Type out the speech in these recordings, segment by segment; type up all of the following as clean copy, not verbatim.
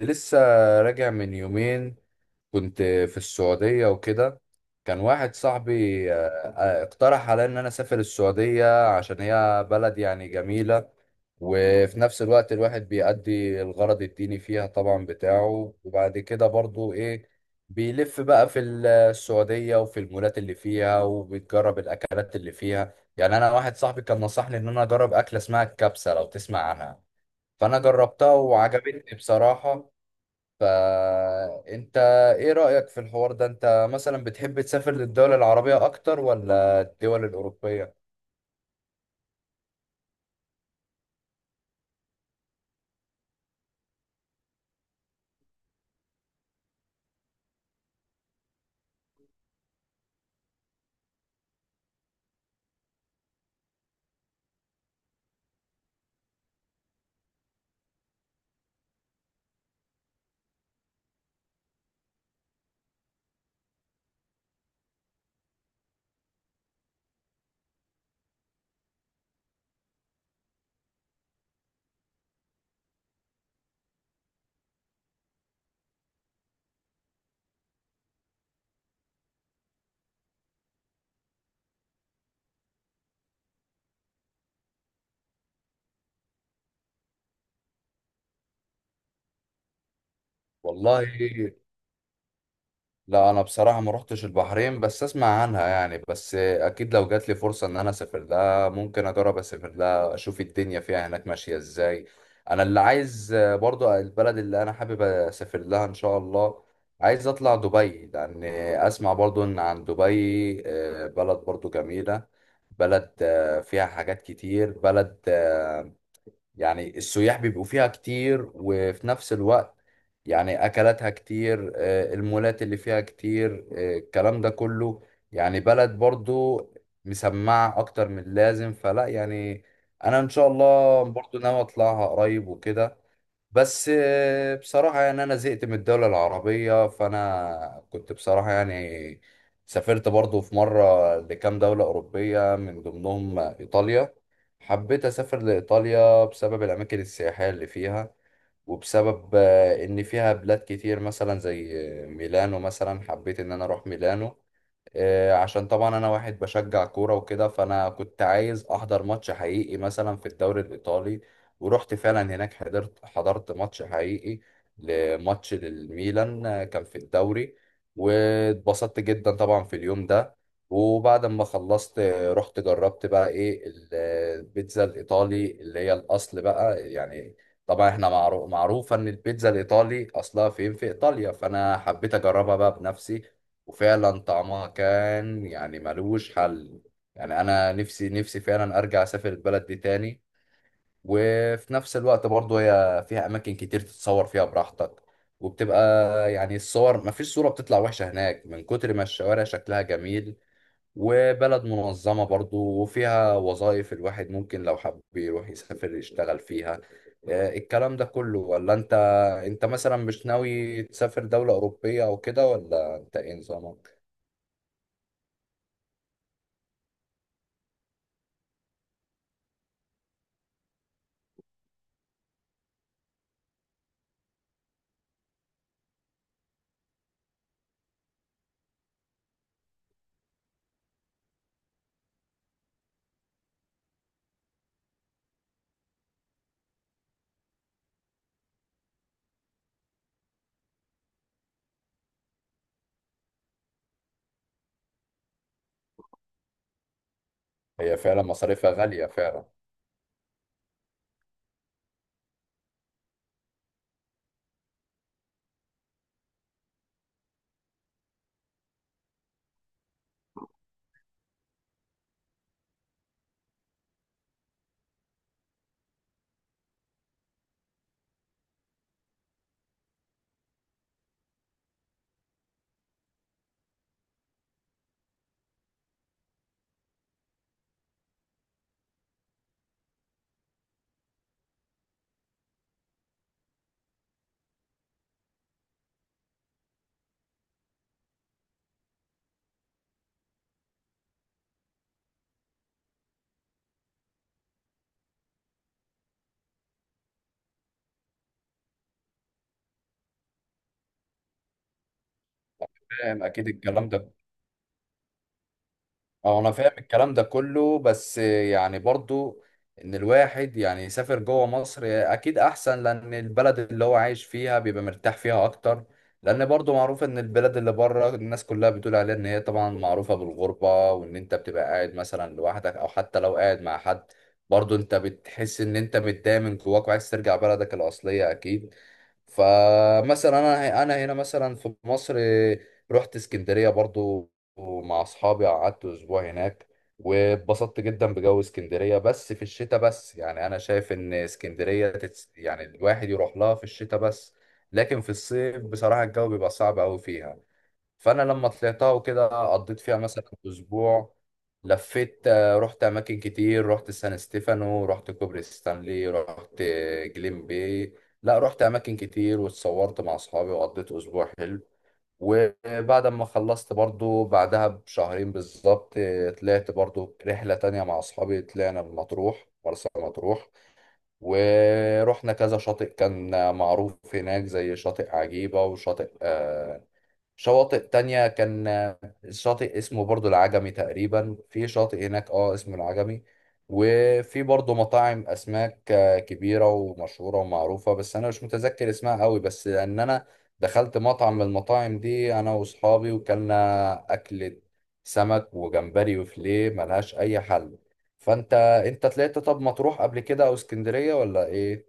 لسه راجع من يومين. كنت في السعودية وكده. كان واحد صاحبي اقترح عليا ان انا اسافر السعودية عشان هي بلد يعني جميلة، وفي نفس الوقت الواحد بيأدي الغرض الديني فيها طبعا بتاعه، وبعد كده برضو ايه بيلف بقى في السعودية وفي المولات اللي فيها وبيجرب الأكلات اللي فيها. يعني أنا واحد صاحبي كان نصحني إن أنا أجرب أكلة اسمها الكبسة، لو تسمع عنها. فأنا جربتها وعجبتني بصراحة. فانت ايه رأيك في الحوار ده؟ انت مثلا بتحب تسافر للدول العربية اكتر ولا الدول الأوروبية؟ والله لا، انا بصراحه ما روحتش البحرين، بس اسمع عنها يعني، بس اكيد لو جات لي فرصه ان انا اسافر لها ممكن اجرب اسافر لها اشوف الدنيا فيها هناك ماشيه ازاي. انا اللي عايز برضو، البلد اللي انا حابب اسافر لها ان شاء الله، عايز اطلع دبي، لان اسمع برضو ان عن دبي بلد برضو جميله، بلد فيها حاجات كتير، بلد يعني السياح بيبقوا فيها كتير، وفي نفس الوقت يعني أكلاتها كتير، المولات اللي فيها كتير، الكلام ده كله، يعني بلد برضو مسمعة أكتر من اللازم، فلا يعني أنا إن شاء الله برضو ناوي أطلعها قريب وكده. بس بصراحة يعني أنا زهقت من الدولة العربية، فأنا كنت بصراحة يعني سافرت برضو في مرة لكام دولة أوروبية، من ضمنهم إيطاليا. حبيت أسافر لإيطاليا بسبب الأماكن السياحية اللي فيها، وبسبب إن فيها بلاد كتير مثلا زي ميلانو. مثلا حبيت إن أنا أروح ميلانو عشان طبعا انا واحد بشجع كوره وكده، فانا كنت عايز احضر ماتش حقيقي مثلا في الدوري الايطالي. ورحت فعلا هناك، حضرت ماتش حقيقي، لماتش للميلان كان في الدوري. واتبسطت جدا طبعا في اليوم ده. وبعد ما خلصت رحت جربت بقى ايه البيتزا الايطالي اللي هي الاصل بقى يعني. طبعا احنا معروفه ان البيتزا الايطالي اصلها فين، في ايطاليا، فانا حبيت اجربها بقى بنفسي. وفعلا طعمها كان يعني ملوش حل. يعني انا نفسي فعلا ارجع اسافر البلد دي تاني. وفي نفس الوقت برضه هي فيها اماكن كتير تتصور فيها براحتك، وبتبقى يعني الصور مفيش صورة بتطلع وحشة هناك، من كتر ما الشوارع شكلها جميل. وبلد منظمة برضه، وفيها وظائف الواحد ممكن لو حب يروح يسافر يشتغل فيها الكلام ده كله. ولا انت، انت مثلا مش ناوي تسافر دولة أوروبية او كده، ولا انت ايه نظامك؟ هي فعلا مصاريفها غالية فعلا. فاهم، أكيد الكلام ده. أه أنا فاهم الكلام ده كله، بس يعني برضو إن الواحد يعني يسافر جوه مصر أكيد أحسن، لأن البلد اللي هو عايش فيها بيبقى مرتاح فيها أكتر. لأن برضو معروف إن البلد اللي بره الناس كلها بتقول عليها إن هي طبعا معروفة بالغربة، وإن أنت بتبقى قاعد مثلا لوحدك، أو حتى لو قاعد مع حد برضو أنت بتحس إن أنت متضايق من جواك وعايز ترجع بلدك الأصلية أكيد. فمثلا انا هنا مثلا في مصر رحت اسكندريه برضو مع اصحابي، قعدت اسبوع هناك، واتبسطت جدا بجو اسكندريه، بس في الشتاء بس. يعني انا شايف ان اسكندريه يعني الواحد يروح لها في الشتاء بس، لكن في الصيف بصراحه الجو بيبقى صعب قوي فيها. فانا لما طلعتها وكده، قضيت فيها مثلا اسبوع، لفيت رحت اماكن كتير، رحت سان ستيفانو، رحت كوبري ستانلي، رحت جليم باي. لا رحت اماكن كتير، واتصورت مع اصحابي، وقضيت اسبوع حلو. وبعد ما خلصت برضو، بعدها بشهرين بالظبط طلعت برضو رحلة تانية مع اصحابي، طلعنا مطروح، مرسى مطروح. ورحنا كذا شاطئ كان معروف هناك، زي شاطئ عجيبة، وشاطئ شواطئ تانية كان شاطئ اسمه برضو العجمي تقريبا، في شاطئ هناك اه اسمه العجمي. وفي برضو مطاعم أسماك كبيرة ومشهورة ومعروفة، بس أنا مش متذكر اسمها قوي، بس إن أنا دخلت مطعم من المطاعم دي أنا وأصحابي، وكلنا أكلة سمك وجمبري وفيليه ملهاش أي حل. فأنت، أنت طلعت طب مطروح قبل كده أو اسكندرية ولا إيه؟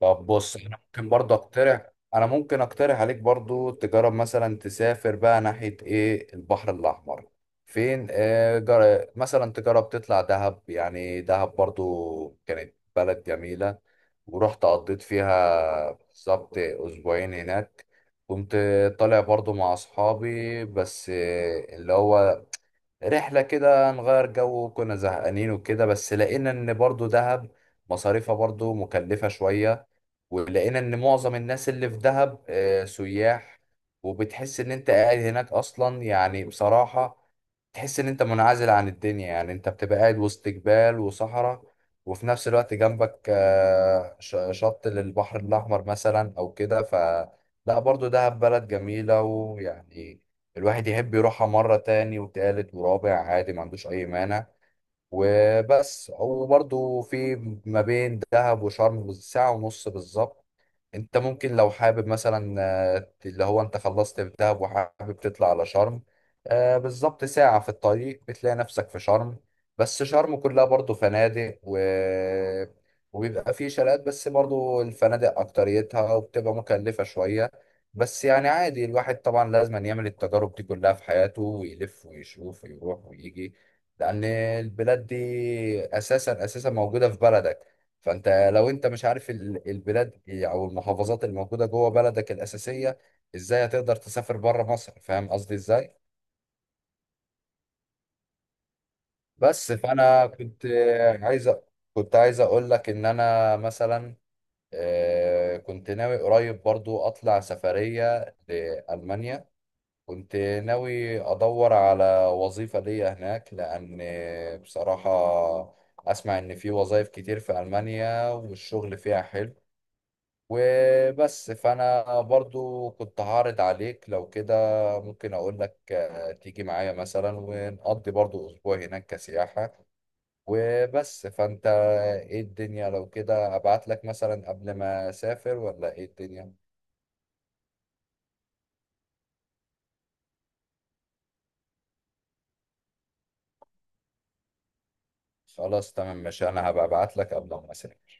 طب بص انا ممكن برضه اقترح، انا ممكن اقترح عليك برضه تجرب مثلا تسافر بقى ناحية ايه البحر الاحمر، فين آه مثلا تجرب تطلع دهب. يعني دهب برضه كانت بلد جميلة، ورحت قضيت فيها بالظبط اسبوعين هناك. كنت طالع برضه مع اصحابي، بس اللي هو رحلة كده نغير جو، كنا زهقانين وكده، بس لقينا ان برضه دهب مصاريفها برضه مكلفة شوية. ولقينا ان معظم الناس اللي في دهب سياح، وبتحس ان انت قاعد هناك اصلا يعني بصراحة، تحس ان انت منعزل عن الدنيا، يعني انت بتبقى قاعد وسط جبال وصحراء، وفي نفس الوقت جنبك شط للبحر الاحمر مثلا او كده. ف لا برضو دهب بلد جميلة، ويعني الواحد يحب يروحها مرة تاني وتالت ورابع عادي، ما عندوش اي مانع. وبس. وبرضو في ما بين دهب وشرم ساعة ونص بالظبط، انت ممكن لو حابب مثلا اللي هو انت خلصت في دهب وحابب تطلع على شرم بالظبط ساعة في الطريق بتلاقي نفسك في شرم. بس شرم كلها برضو فنادق و... وبيبقى فيه شاليهات، بس برضو الفنادق أكتريتها، وبتبقى مكلفة شوية. بس يعني عادي، الواحد طبعا لازم يعمل التجارب دي كلها في حياته، ويلف ويشوف ويروح ويجي. لأن البلاد دي أساسا موجودة في بلدك، فانت لو انت مش عارف البلاد او المحافظات اللي موجوده جوه بلدك الاساسيه، ازاي هتقدر تسافر بره مصر؟ فاهم قصدي ازاي. بس فانا كنت عايز أ- كنت عايز اقول لك ان انا مثلا كنت ناوي قريب برضو اطلع سفريه لالمانيا. كنت ناوي ادور على وظيفه ليا هناك، لان بصراحه اسمع ان في وظائف كتير في المانيا، والشغل فيها حلو. وبس. فانا برضو كنت هعرض عليك، لو كده ممكن اقول لك تيجي معايا مثلا ونقضي برضو اسبوع هناك كسياحة. وبس فانت ايه الدنيا؟ لو كده ابعت لك مثلا قبل ما اسافر، ولا ايه الدنيا؟ خلاص تمام ماشي، انا هبقى ابعت لك قبل ما اسافر.